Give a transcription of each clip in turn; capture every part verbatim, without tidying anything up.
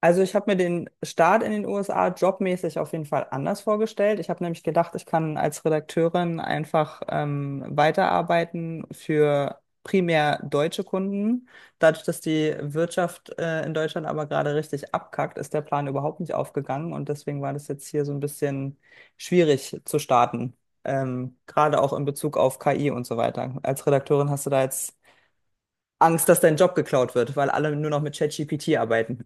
Also ich habe mir den Start in den U S A jobmäßig auf jeden Fall anders vorgestellt. Ich habe nämlich gedacht, ich kann als Redakteurin einfach ähm, weiterarbeiten für primär deutsche Kunden. Dadurch, dass die Wirtschaft äh, in Deutschland aber gerade richtig abkackt, ist der Plan überhaupt nicht aufgegangen, und deswegen war das jetzt hier so ein bisschen schwierig zu starten. Ähm, gerade auch in Bezug auf K I und so weiter. Als Redakteurin hast du da jetzt Angst, dass dein Job geklaut wird, weil alle nur noch mit ChatGPT arbeiten.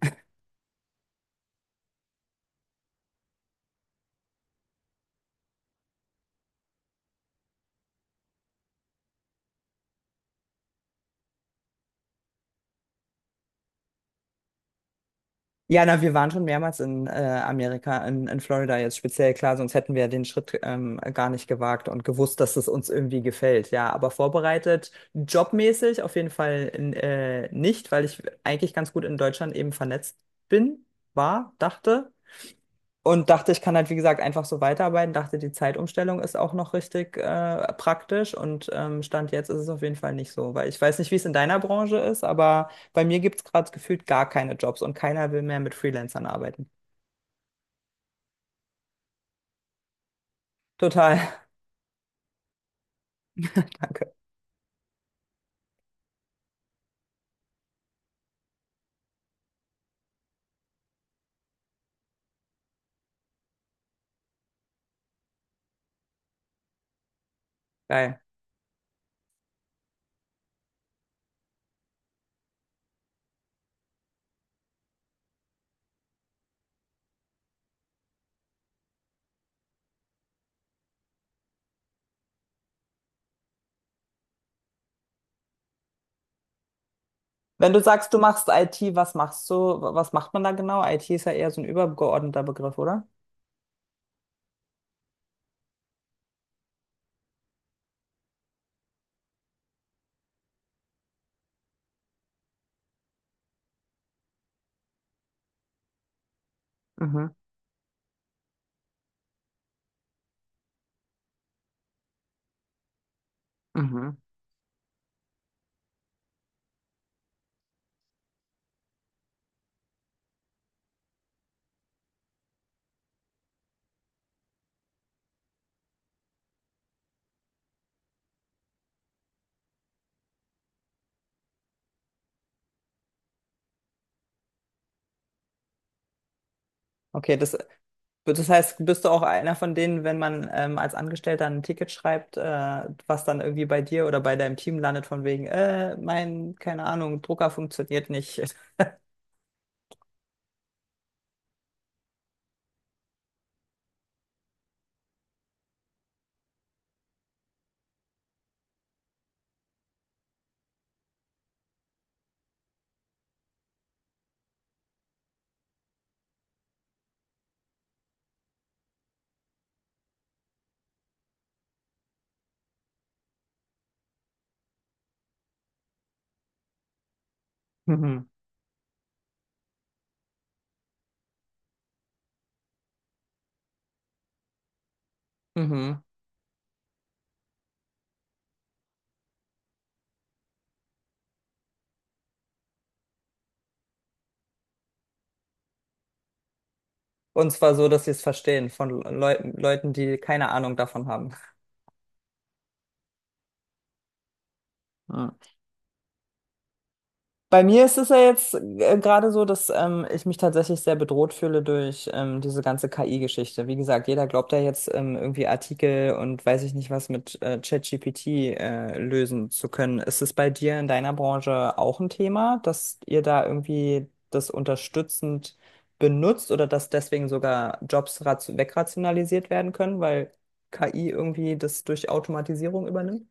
Ja, na, wir waren schon mehrmals in äh, Amerika, in, in Florida jetzt speziell, klar, sonst hätten wir den Schritt ähm, gar nicht gewagt und gewusst, dass es uns irgendwie gefällt. Ja, aber vorbereitet, jobmäßig auf jeden Fall in, äh, nicht, weil ich eigentlich ganz gut in Deutschland eben vernetzt bin, war, dachte. Und dachte, ich kann halt, wie gesagt, einfach so weiterarbeiten. Dachte, die Zeitumstellung ist auch noch richtig äh, praktisch. Und ähm, Stand jetzt ist es auf jeden Fall nicht so, weil ich weiß nicht, wie es in deiner Branche ist, aber bei mir gibt es gerade gefühlt gar keine Jobs und keiner will mehr mit Freelancern arbeiten. Total. Danke. Geil. Wenn du sagst, du machst I T, was machst du? Was macht man da genau? I T ist ja eher so ein übergeordneter Begriff, oder? Mhm. Mhm. Okay, das, das heißt, bist du auch einer von denen, wenn man ähm, als Angestellter ein Ticket schreibt, äh, was dann irgendwie bei dir oder bei deinem Team landet, von wegen, äh, mein, keine Ahnung, Drucker funktioniert nicht. Mhm. Mhm. Und zwar so, dass sie es verstehen, von Leuten, Leuten, die keine Ahnung davon haben. Bei mir ist es ja jetzt äh, gerade so, dass ähm, ich mich tatsächlich sehr bedroht fühle durch ähm, diese ganze K I-Geschichte. Wie gesagt, jeder glaubt ja jetzt ähm, irgendwie Artikel und weiß ich nicht was mit äh, ChatGPT äh, lösen zu können. Ist es bei dir in deiner Branche auch ein Thema, dass ihr da irgendwie das unterstützend benutzt oder dass deswegen sogar Jobs rat- wegrationalisiert werden können, weil K I irgendwie das durch Automatisierung übernimmt?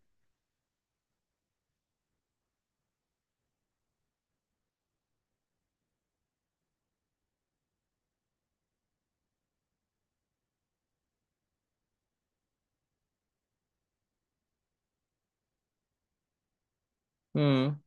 Hm.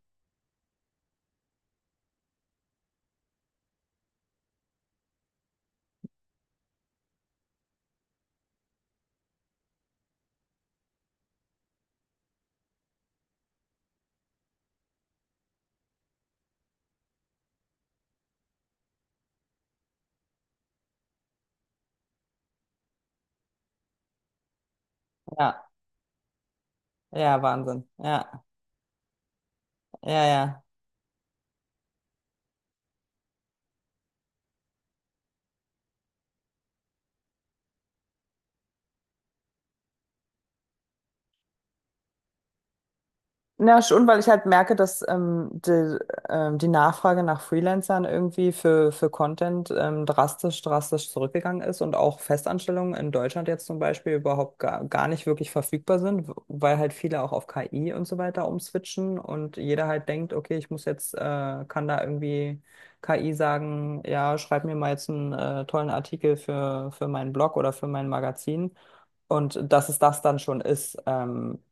Ja, ja, Wahnsinn. Ja, ja, ja. Na schon, weil ich halt merke, dass ähm, die, ähm, die Nachfrage nach Freelancern irgendwie für, für Content ähm, drastisch, drastisch zurückgegangen ist und auch Festanstellungen in Deutschland jetzt zum Beispiel überhaupt gar, gar nicht wirklich verfügbar sind, weil halt viele auch auf K I und so weiter umswitchen und jeder halt denkt, okay, ich muss jetzt, äh, kann da irgendwie K I sagen, ja, schreib mir mal jetzt einen äh, tollen Artikel für, für meinen Blog oder für mein Magazin. Und dass es das dann schon ist. Ähm,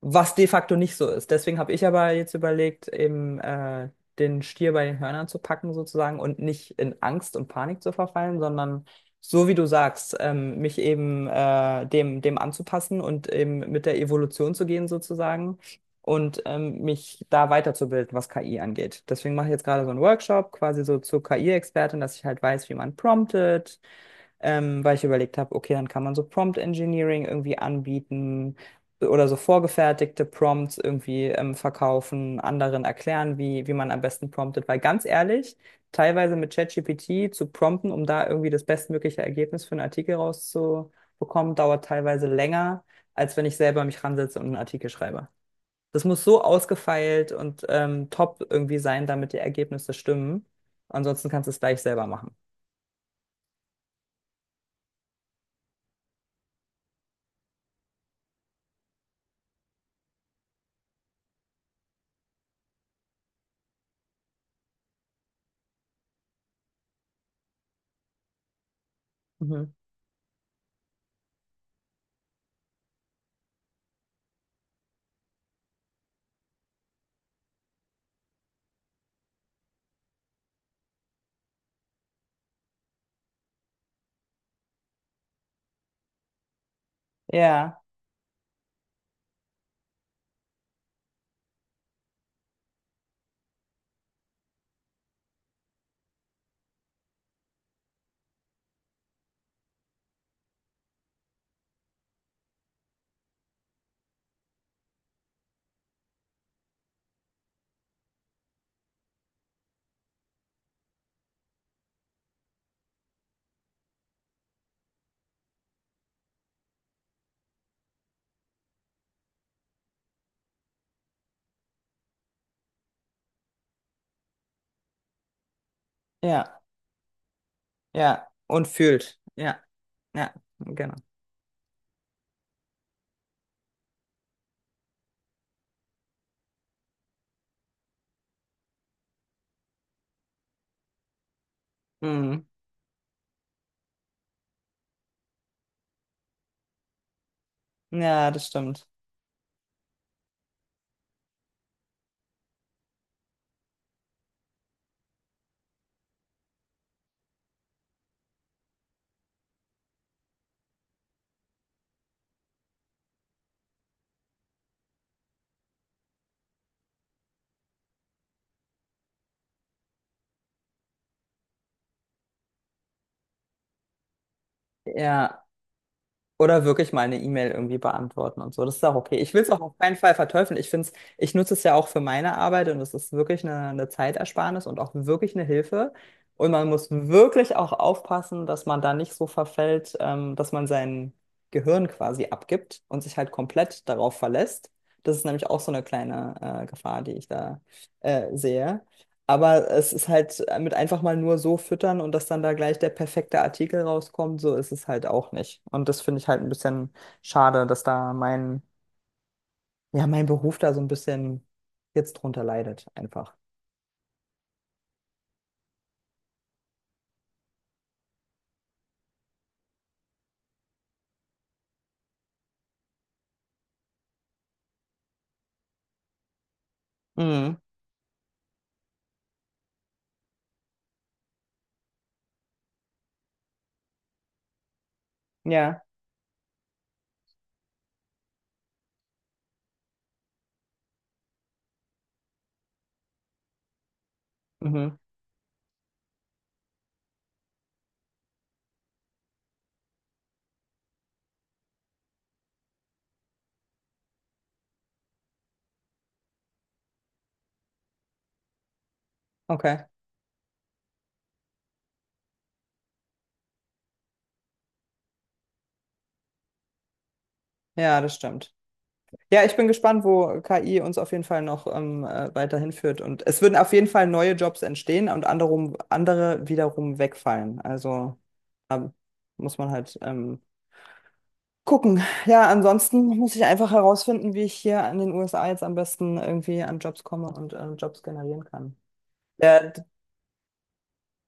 Was de facto nicht so ist. Deswegen habe ich aber jetzt überlegt, eben äh, den Stier bei den Hörnern zu packen sozusagen und nicht in Angst und Panik zu verfallen, sondern so wie du sagst, ähm, mich eben äh, dem, dem anzupassen und eben mit der Evolution zu gehen sozusagen und ähm, mich da weiterzubilden, was K I angeht. Deswegen mache ich jetzt gerade so einen Workshop quasi so zur K I-Expertin, dass ich halt weiß, wie man promptet ähm, weil ich überlegt habe, okay, dann kann man so Prompt Engineering irgendwie anbieten oder so vorgefertigte Prompts irgendwie ähm, verkaufen, anderen erklären, wie, wie man am besten promptet, weil ganz ehrlich, teilweise mit ChatGPT zu prompten, um da irgendwie das bestmögliche Ergebnis für einen Artikel rauszubekommen, dauert teilweise länger, als wenn ich selber mich ransetze und einen Artikel schreibe. Das muss so ausgefeilt und ähm, top irgendwie sein, damit die Ergebnisse stimmen. Ansonsten kannst du es gleich selber machen. Mhm. Ja, ja, ja. Und fühlt. Ja, ja, genau. Mhm. Ja, das stimmt. Ja. Oder wirklich mal eine E-Mail irgendwie beantworten und so. Das ist auch okay. Ich will es auch auf keinen Fall verteufeln. Ich finde es, ich nutze es ja auch für meine Arbeit, und es ist wirklich eine, eine Zeitersparnis und auch wirklich eine Hilfe. Und man muss wirklich auch aufpassen, dass man da nicht so verfällt, ähm, dass man sein Gehirn quasi abgibt und sich halt komplett darauf verlässt. Das ist nämlich auch so eine kleine äh, Gefahr, die ich da äh, sehe. Aber es ist halt äh, mit einfach mal nur so füttern und dass dann da gleich der perfekte Artikel rauskommt, so ist es halt auch nicht. Und das finde ich halt ein bisschen schade, dass da mein, ja, mein Beruf da so ein bisschen jetzt drunter leidet, einfach. Mhm. Ja. Mhm. Okay. Ja, das stimmt. Ja, ich bin gespannt, wo K I uns auf jeden Fall noch ähm, äh, weiterhin führt. Und es würden auf jeden Fall neue Jobs entstehen und andere, andere wiederum wegfallen. Also da muss man halt ähm, gucken. Ja, ansonsten muss ich einfach herausfinden, wie ich hier an den U S A jetzt am besten irgendwie an Jobs komme und äh, Jobs generieren kann. Der,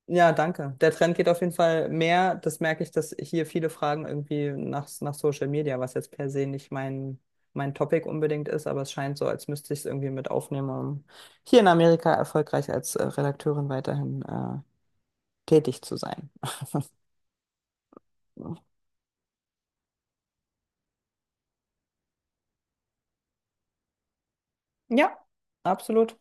ja, danke. Der Trend geht auf jeden Fall mehr. Das merke ich, dass hier viele fragen irgendwie nach, nach Social Media, was jetzt per se nicht mein, mein Topic unbedingt ist, aber es scheint so, als müsste ich es irgendwie mit aufnehmen, um hier in Amerika erfolgreich als äh, Redakteurin weiterhin äh, tätig zu sein. Ja, absolut.